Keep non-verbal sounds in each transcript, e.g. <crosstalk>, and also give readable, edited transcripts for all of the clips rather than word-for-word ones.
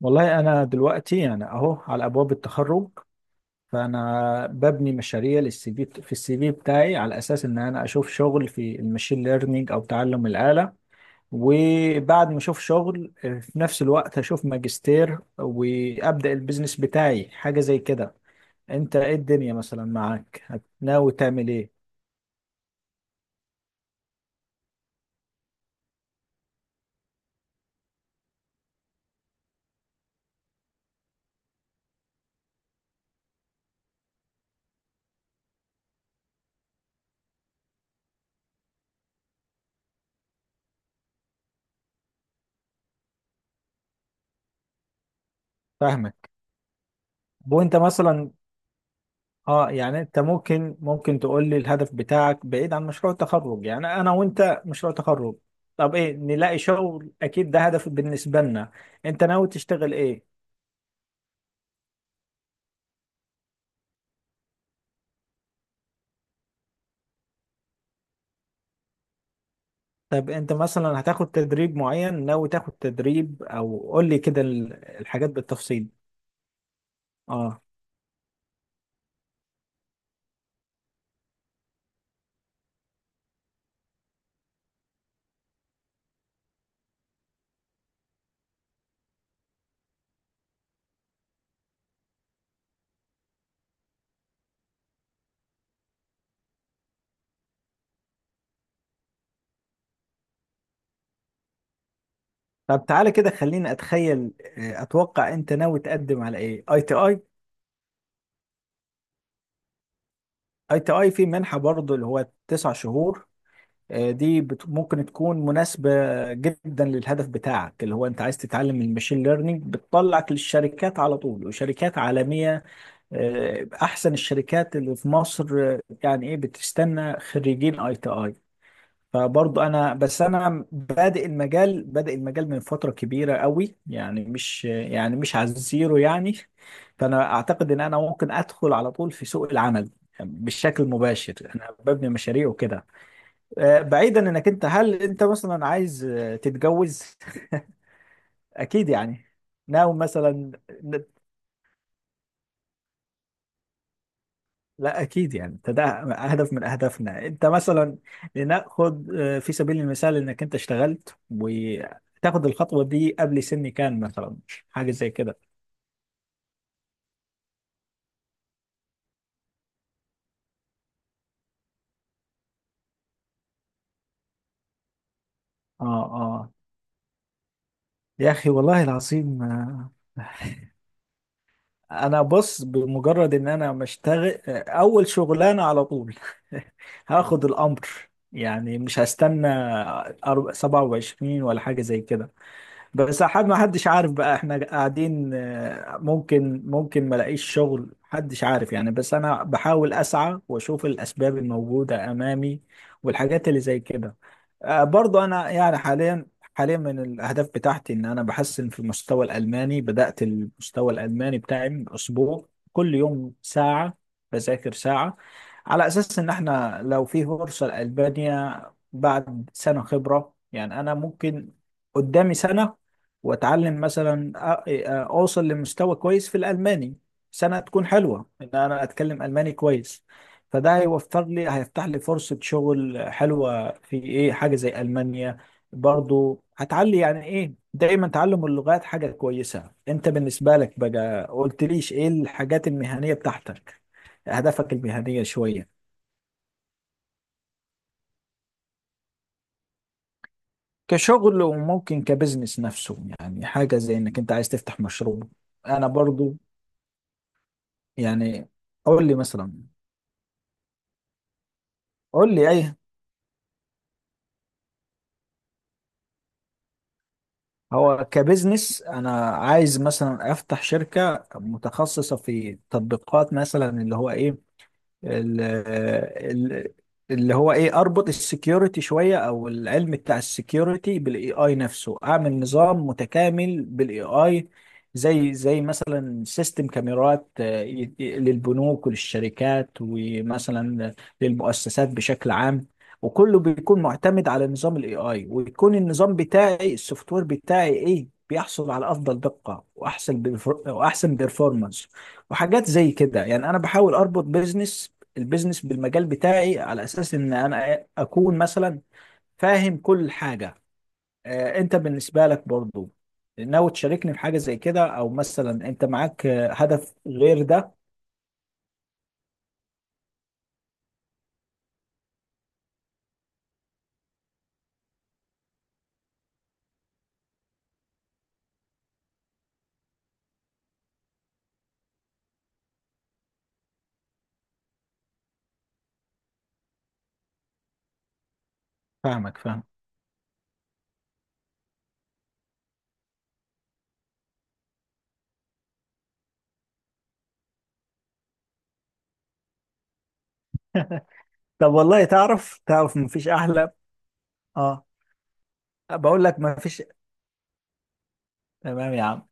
والله أنا دلوقتي يعني أهو على أبواب التخرج. فأنا ببني مشاريع للسي في في السي في بتاعي على أساس إن أنا أشوف شغل في المشين ليرنينج أو تعلم الآلة. وبعد ما أشوف شغل في نفس الوقت أشوف ماجستير وأبدأ البيزنس بتاعي حاجة زي كده. أنت إيه الدنيا مثلا معاك؟ ناوي تعمل إيه؟ فاهمك. وأنت مثلا؟ اه يعني انت ممكن تقول لي الهدف بتاعك بعيد عن مشروع التخرج؟ يعني انا وانت مشروع تخرج، طب ايه؟ نلاقي شغل، اكيد ده هدف بالنسبة لنا. انت ناوي تشتغل ايه؟ طب انت مثلا هتاخد تدريب معين؟ ناوي تاخد تدريب او قول لي كده الحاجات بالتفصيل. اه. طب تعالى كده خليني اتخيل. اتوقع انت ناوي تقدم على ايه اي تي اي. اي تي اي في منحة برضه اللي هو 9 شهور. دي ممكن تكون مناسبة جدا للهدف بتاعك، اللي هو انت عايز تتعلم الماشين ليرنينج، بتطلعك للشركات على طول وشركات عالمية. احسن الشركات اللي في مصر. يعني ايه، بتستنى خريجين اي تي اي. فبرضو انا، بس انا بادئ المجال من فترة كبيرة قوي، يعني مش يعني مش على الزيرو يعني. فانا اعتقد ان انا ممكن ادخل على طول في سوق العمل بالشكل المباشر، انا ببني مشاريع وكده. بعيدا، انك انت هل انت مثلا عايز تتجوز؟ <laughs> اكيد يعني، ناوي مثلا، لا اكيد يعني، ده هدف من اهدافنا. انت مثلا؟ لناخد في سبيل المثال، انك انت اشتغلت وتاخد الخطوه دي قبل سن كان مثلا، حاجه زي كده. اه، اه، يا اخي والله العظيم. آه. <laughs> انا بص، بمجرد ان انا مشتغل اول شغلانه على طول، <laughs> هاخد الامر، يعني مش هستنى 27 ولا حاجه زي كده. بس حد ما حدش عارف بقى، احنا قاعدين، ممكن ما الاقيش شغل، محدش عارف يعني، بس انا بحاول اسعى واشوف الاسباب الموجودة امامي والحاجات اللي زي كده. برضو انا يعني حاليا من الاهداف بتاعتي ان انا بحسن في المستوى الالماني. بدأت المستوى الالماني بتاعي من اسبوع، كل يوم ساعة، بذاكر ساعة، على اساس ان احنا لو في فرصة لألبانيا بعد سنة خبرة، يعني انا ممكن، قدامي سنة واتعلم مثلا اوصل لمستوى كويس في الالماني. سنه تكون حلوه ان انا اتكلم الماني كويس، فده هيوفر لي، هيفتح لي فرصه شغل حلوه في ايه، حاجه زي المانيا. برضو هتعلي، يعني ايه، دايما تعلم اللغات حاجه كويسه. انت بالنسبه لك بقى؟ قلتليش ايه الحاجات المهنيه بتاعتك، اهدافك المهنيه شويه. كشغل وممكن كبزنس نفسه، يعني حاجه زي انك انت عايز تفتح مشروع. انا برضو، يعني قول لي مثلا، قول لي اي. هو كبزنس انا عايز مثلا افتح شركة متخصصة في تطبيقات مثلا اللي هو ايه ال- ال- اللي هو ايه، اربط السكيورتي شويه او العلم بتاع السكيورتي بالاي اي نفسه، اعمل نظام متكامل بالاي اي، زي مثلا سيستم كاميرات للبنوك وللشركات ومثلا للمؤسسات بشكل عام. وكله بيكون معتمد على نظام الاي اي، ويكون النظام بتاعي، السوفت وير بتاعي ايه، بيحصل على افضل دقه واحسن واحسن بيرفورمانس وحاجات زي كده. يعني انا بحاول اربط البيزنس بالمجال بتاعي، على اساس ان انا اكون مثلا فاهم كل حاجه. انت بالنسبه لك برضو ناوي تشاركني في حاجه زي كده، او مثلا انت معاك هدف غير ده؟ فاهمك فاهم. طب والله، تعرف مفيش احلى. اه، بقول لك مفيش، تمام يا عم.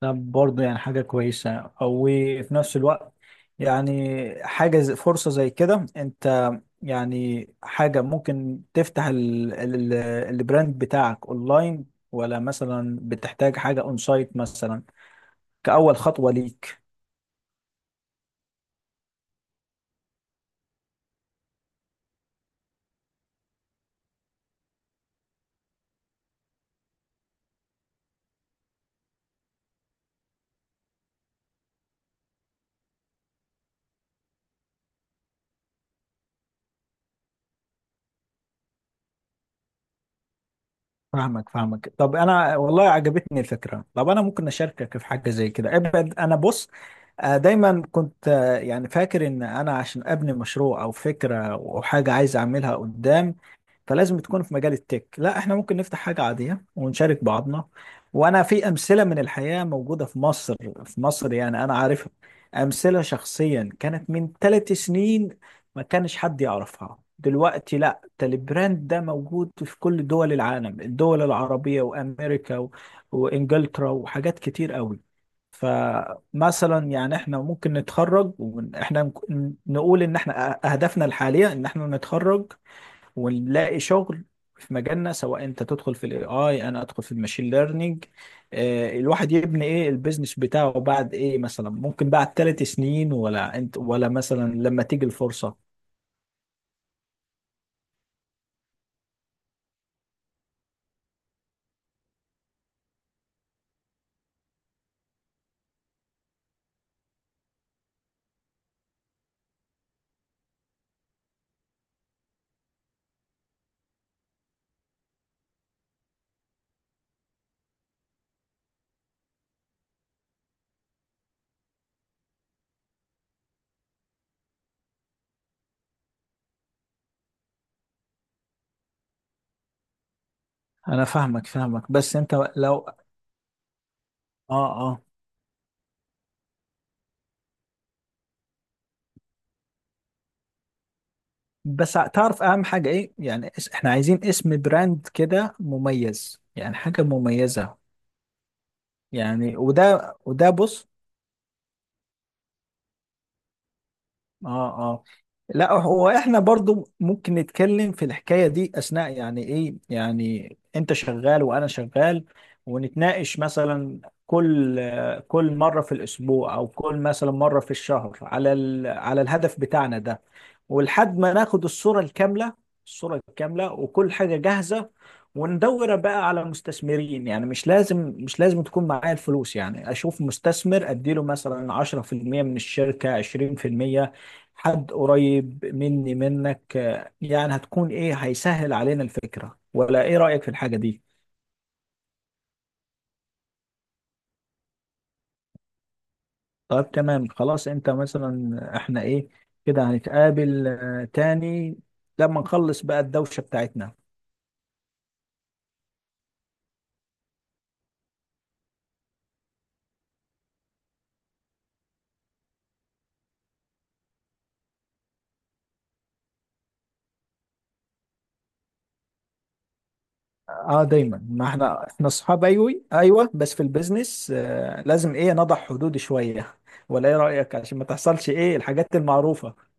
طب برضو يعني حاجه كويسه، او في نفس الوقت، يعني فرصه زي كده، انت يعني حاجة ممكن تفتح البراند بتاعك اونلاين، ولا مثلا بتحتاج حاجة اون سايت مثلا كأول خطوة ليك. فاهمك فاهمك. طب انا والله عجبتني الفكرة. طب انا ممكن اشاركك في حاجة زي كده ابعد. انا بص، دايما كنت يعني فاكر ان انا عشان ابني مشروع او فكرة او حاجة عايز اعملها قدام، فلازم تكون في مجال التك. لا، احنا ممكن نفتح حاجة عادية ونشارك بعضنا. وانا في امثلة من الحياة موجودة في مصر، في مصر، يعني انا عارفها، امثلة شخصيا، كانت من 3 سنين ما كانش حد يعرفها، دلوقتي لا، ده البراند ده موجود في كل دول العالم، الدول العربية وامريكا و... وانجلترا وحاجات كتير قوي. فمثلا يعني احنا ممكن نتخرج واحنا نقول ان احنا اهدافنا الحالية ان احنا نتخرج ونلاقي شغل في مجالنا، سواء انت تدخل في الاي اي، انا ادخل في الماشين ليرنينج. آه، الواحد يبني ايه البيزنس بتاعه بعد ايه، مثلا ممكن بعد 3 سنين، ولا انت ولا مثلا لما تيجي الفرصة. انا فاهمك فاهمك، بس انت لو، اه اه، بس تعرف اهم حاجة ايه، يعني احنا عايزين اسم براند كده مميز، يعني حاجة مميزة، يعني وده بص. اه اه. لا، هو احنا برضو ممكن نتكلم في الحكاية دي اثناء، يعني ايه، يعني انت شغال وانا شغال، ونتناقش مثلا، كل كل مرة في الاسبوع او كل مثلا مرة في الشهر على ال... على الهدف بتاعنا ده، ولحد ما ناخد الصورة الكاملة، الصورة الكاملة وكل حاجة جاهزة، وندور بقى على مستثمرين. يعني مش لازم مش لازم تكون معايا الفلوس، يعني اشوف مستثمر اديله مثلا 10% من الشركة، 20%، حد قريب مني منك، يعني هتكون ايه، هيسهل علينا الفكرة، ولا ايه رأيك في الحاجة دي؟ طيب تمام خلاص. انت مثلا احنا ايه كده، هنتقابل تاني لما نخلص بقى الدوشة بتاعتنا. اه دايما، ما احنا اصحاب، ايوه ايوه، بس في البيزنس لازم ايه نضع حدود شوية، ولا ايه رأيك عشان ما تحصلش ايه الحاجات المعروفة.